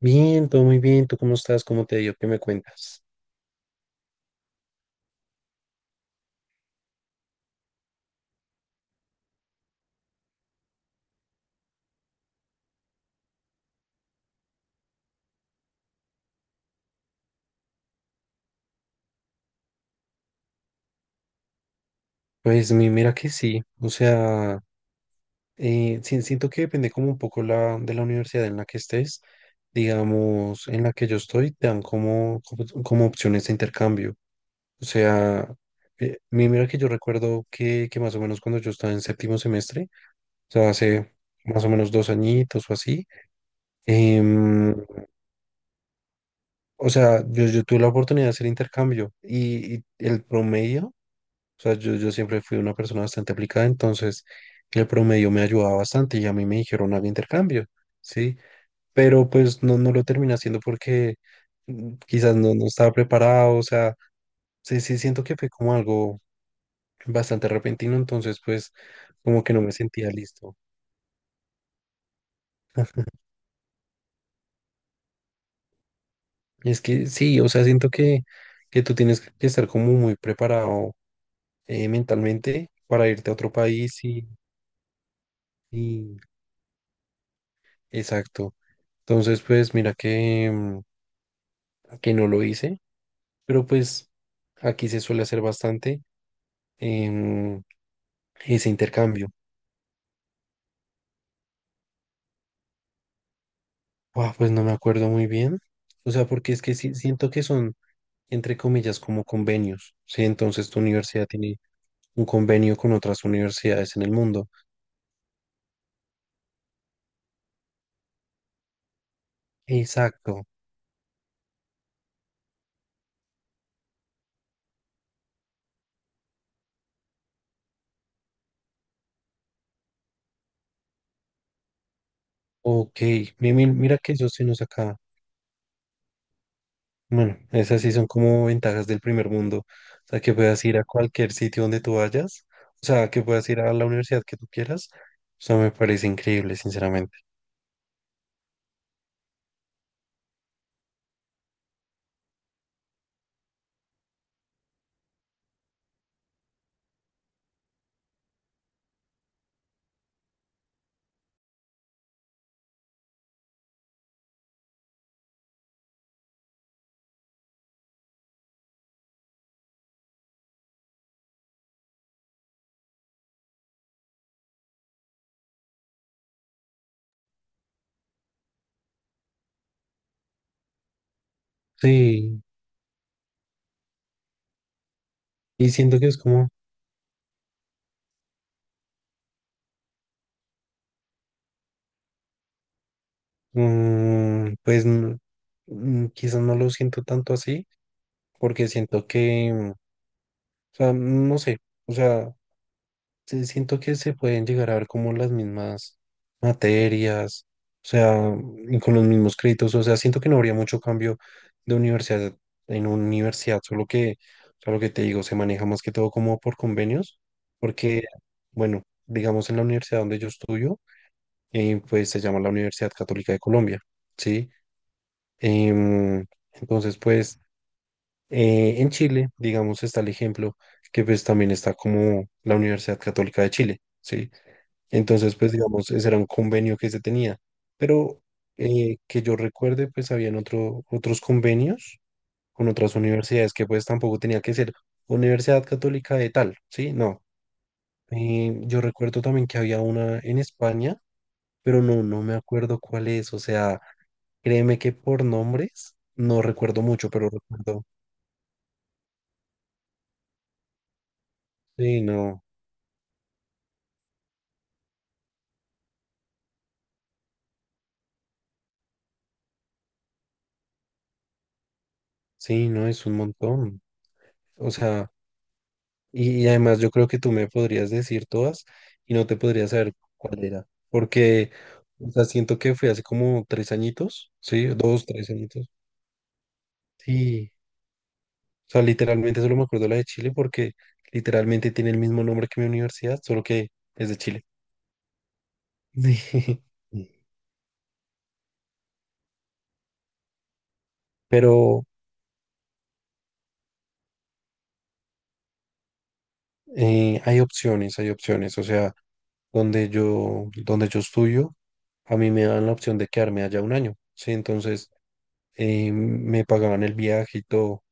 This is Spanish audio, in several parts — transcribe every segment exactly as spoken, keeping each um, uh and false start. Bien, todo muy bien. ¿Tú cómo estás? ¿Cómo te ha ido? ¿Qué me cuentas? Pues mi- mira que sí. O sea, eh, sí- siento que depende como un poco la, de la universidad en la que estés. Digamos, en la que yo estoy, te dan como, como, como opciones de intercambio. O sea, eh, mi- mira que yo recuerdo que, que más o menos cuando yo estaba en séptimo semestre, o sea, hace más o menos dos añitos o así, em, o sea, yo, yo tuve la oportunidad de hacer intercambio y y el promedio. O sea, yo, yo siempre fui una persona bastante aplicada, entonces el promedio me ayudaba bastante y a mí me dijeron al intercambio, ¿sí? Pero pues no, no lo terminé haciendo porque mm, quizás no, no estaba preparado, o sea, sí, sí siento que fue como algo bastante repentino, entonces pues como que no me sentía listo. Y es que sí, o sea, siento que, que tú tienes que estar como muy preparado eh, mentalmente para irte a otro país y, y exacto. Entonces pues mira que, mm, que no lo hice. Pero pues aquí se suele hacer bastante em, ese intercambio. Buah, pues no me acuerdo muy bien. O sea, porque es que sí, siento que son, entre comillas, como convenios. Sí, entonces tu universidad tiene un convenio con otras universidades en el mundo. Exacto. Ok. Mi- mi- Mira que yo sí nos acá. Bueno, esas sí son como ventajas del primer mundo. O sea, que puedas ir a cualquier sitio donde tú vayas. O sea, que puedas ir a la universidad que tú quieras. O sea, me parece increíble, sinceramente. Sí. Y siento que es como, mm, pues mm, mm, quizás no lo siento tanto así, porque siento que, mm, o sea, no sé, o sea, sí siento que se pueden llegar a ver como las mismas materias, o sea, y con los mismos créditos, o sea, siento que no habría mucho cambio de universidad en universidad, solo que, o sea, lo que te digo, se maneja más que todo como por convenios, porque, bueno, digamos en la universidad donde yo estudio, eh, pues se llama la Universidad Católica de Colombia, ¿sí? Em, entonces, pues, eh, en Chile, digamos, está el ejemplo que pues también está como la Universidad Católica de Chile, ¿sí? Entonces, pues, digamos, ese era un convenio que se tenía, pero eh, que yo recuerde, pues, habían otro, otros convenios con otras universidades que pues tampoco tenía que ser Universidad Católica de tal, ¿sí? No. Eh, yo recuerdo también que había una en España, pero no, no me acuerdo cuál es, o sea, créeme que por nombres no recuerdo mucho, pero recuerdo. Sí, no, sí, no, es un montón. O sea, y, y además yo creo que tú me podrías decir todas y no te podrías saber cuál era. Porque, o sea, siento que fue hace como tres añitos, sí, dos, tres añitos. Sí, o sea, literalmente solo me acuerdo de la de Chile porque literalmente tiene el mismo nombre que mi universidad, solo que es de Chile. Sí. Pero eh, hay opciones, hay opciones. O sea, donde yo, donde yo estudio, a mí me dan la opción de quedarme allá un año, ¿sí? Entonces, eh, me pagaban el viaje y todo.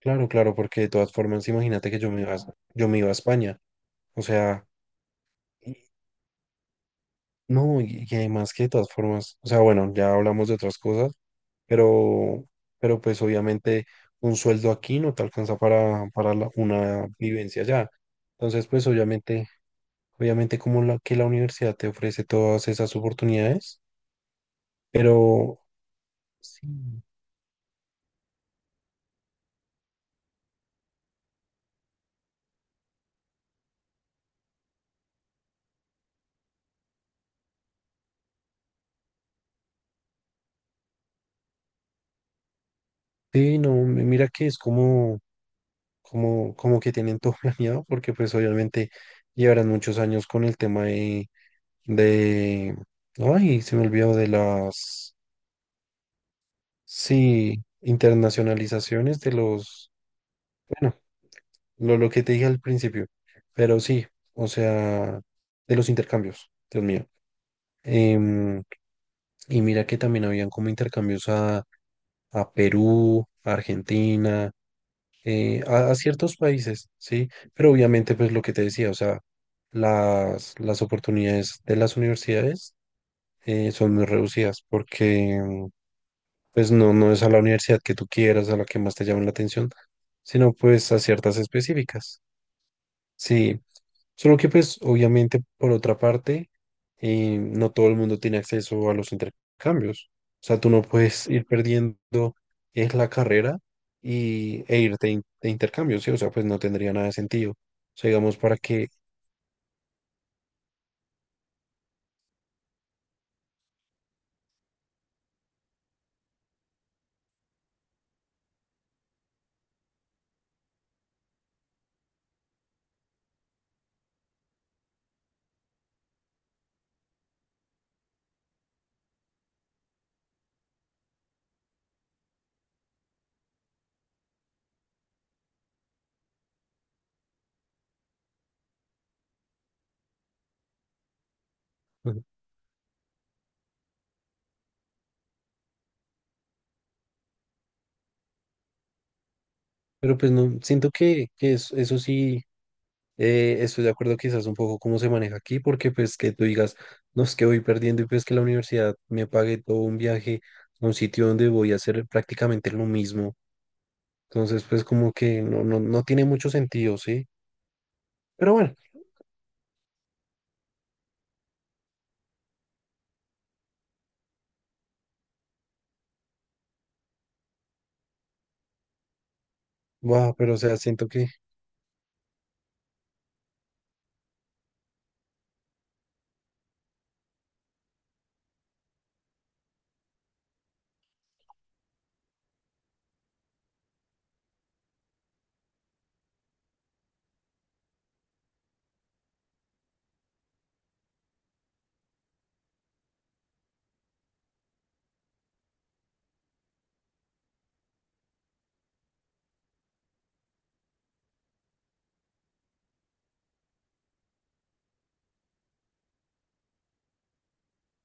Claro, claro, porque de todas formas, imagínate que yo me iba a, yo me iba a España. O sea, y- no, y, y además que de todas formas, o sea, bueno, ya hablamos de otras cosas, pero, pero pues obviamente un sueldo aquí no te alcanza para, para la- una vivencia allá. Entonces, pues obviamente, obviamente como la, que la universidad te ofrece todas esas oportunidades, pero sí. Sí, no, mi- mira que es como, como, como que tienen todo planeado, porque pues obviamente llevarán muchos años con el tema de, de, ay, se me olvidó de las, sí, internacionalizaciones de los, bueno, lo, lo que te dije al principio, pero sí, o sea, de los intercambios, Dios mío. Em, y mira que también habían como intercambios a, a Perú, a Argentina. Eh, a, a ciertos países, ¿sí? Pero obviamente, pues lo que te decía, o sea, las, las oportunidades de las universidades eh, son muy reducidas porque, mm, pues no, no es a la universidad que tú quieras, a la que más te llame la atención, sino pues a ciertas específicas. Sí, solo que pues obviamente por otra parte, eh, no todo el mundo tiene acceso a los intercambios. O sea, tú no puedes ir perdiendo es la carrera y, e irte in- de intercambio, ¿sí? O sea, pues no tendría nada de sentido. O sea, digamos, para que... Ujú. Pero pues no, siento que, que es- eso sí, eh, estoy de acuerdo quizás un poco cómo se maneja aquí, porque pues que tú digas, no es que voy perdiendo y pues que la universidad me pague todo un viaje a un sitio donde voy a hacer prácticamente lo mismo. Entonces, pues como que no, no, no tiene mucho sentido, ¿sí? Pero bueno, wow, pero o sea, siento que,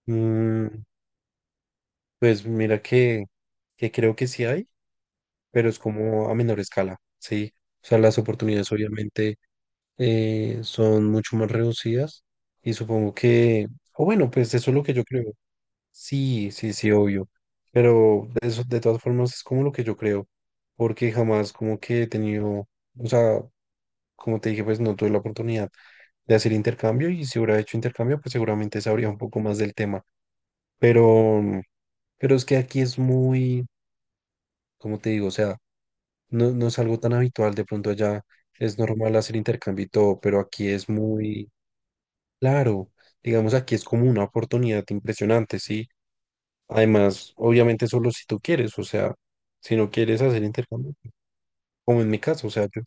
mm, pues mira que, que creo que sí hay, pero es como a menor escala, ¿sí? O sea, las oportunidades obviamente eh, son mucho más reducidas y supongo que, o bueno, pues eso es lo que yo creo. Sí, sí, sí, obvio. Pero de eso, de todas formas es como lo que yo creo, porque jamás como que he tenido, o sea, como te dije, pues no tuve la oportunidad de hacer intercambio y si hubiera hecho intercambio, pues seguramente sabría un poco más del tema. Pero, mm, pero es que aquí es muy, como te digo? O sea, no, no es algo tan habitual, de pronto allá es normal hacer intercambio y todo, pero aquí es muy claro, digamos, aquí es como una oportunidad impresionante, ¿sí? Además, obviamente solo si tú quieres, o sea, si no quieres hacer intercambio, como en mi caso, o sea, yo,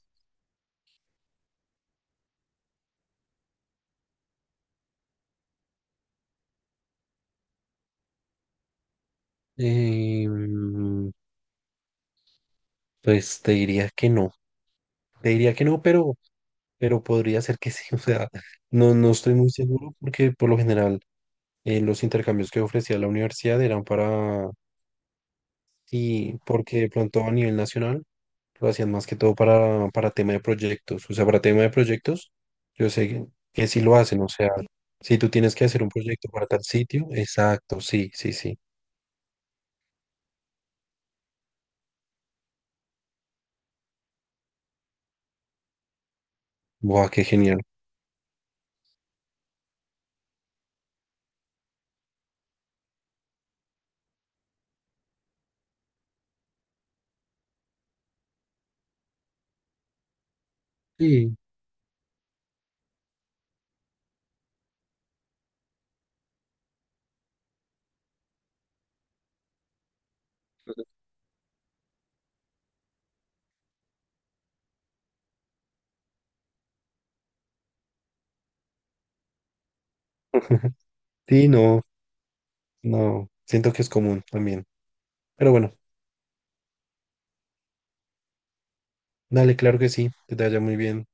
eh, mm, pues te diría que no, te diría que no, pero... pero podría ser que sí, o sea, no, no estoy muy seguro porque por lo general eh, los intercambios que ofrecía la universidad eran para, y porque de pronto a nivel nacional lo hacían más que todo para, para tema de proyectos, o sea, para tema de proyectos, yo sé que, que sí lo hacen, o sea, si tú tienes que hacer un proyecto para tal sitio, exacto, sí, sí, sí, guau, qué genial. Sí. Sí, no, no, siento que es común también, pero bueno, dale, claro que sí, que te vaya muy bien.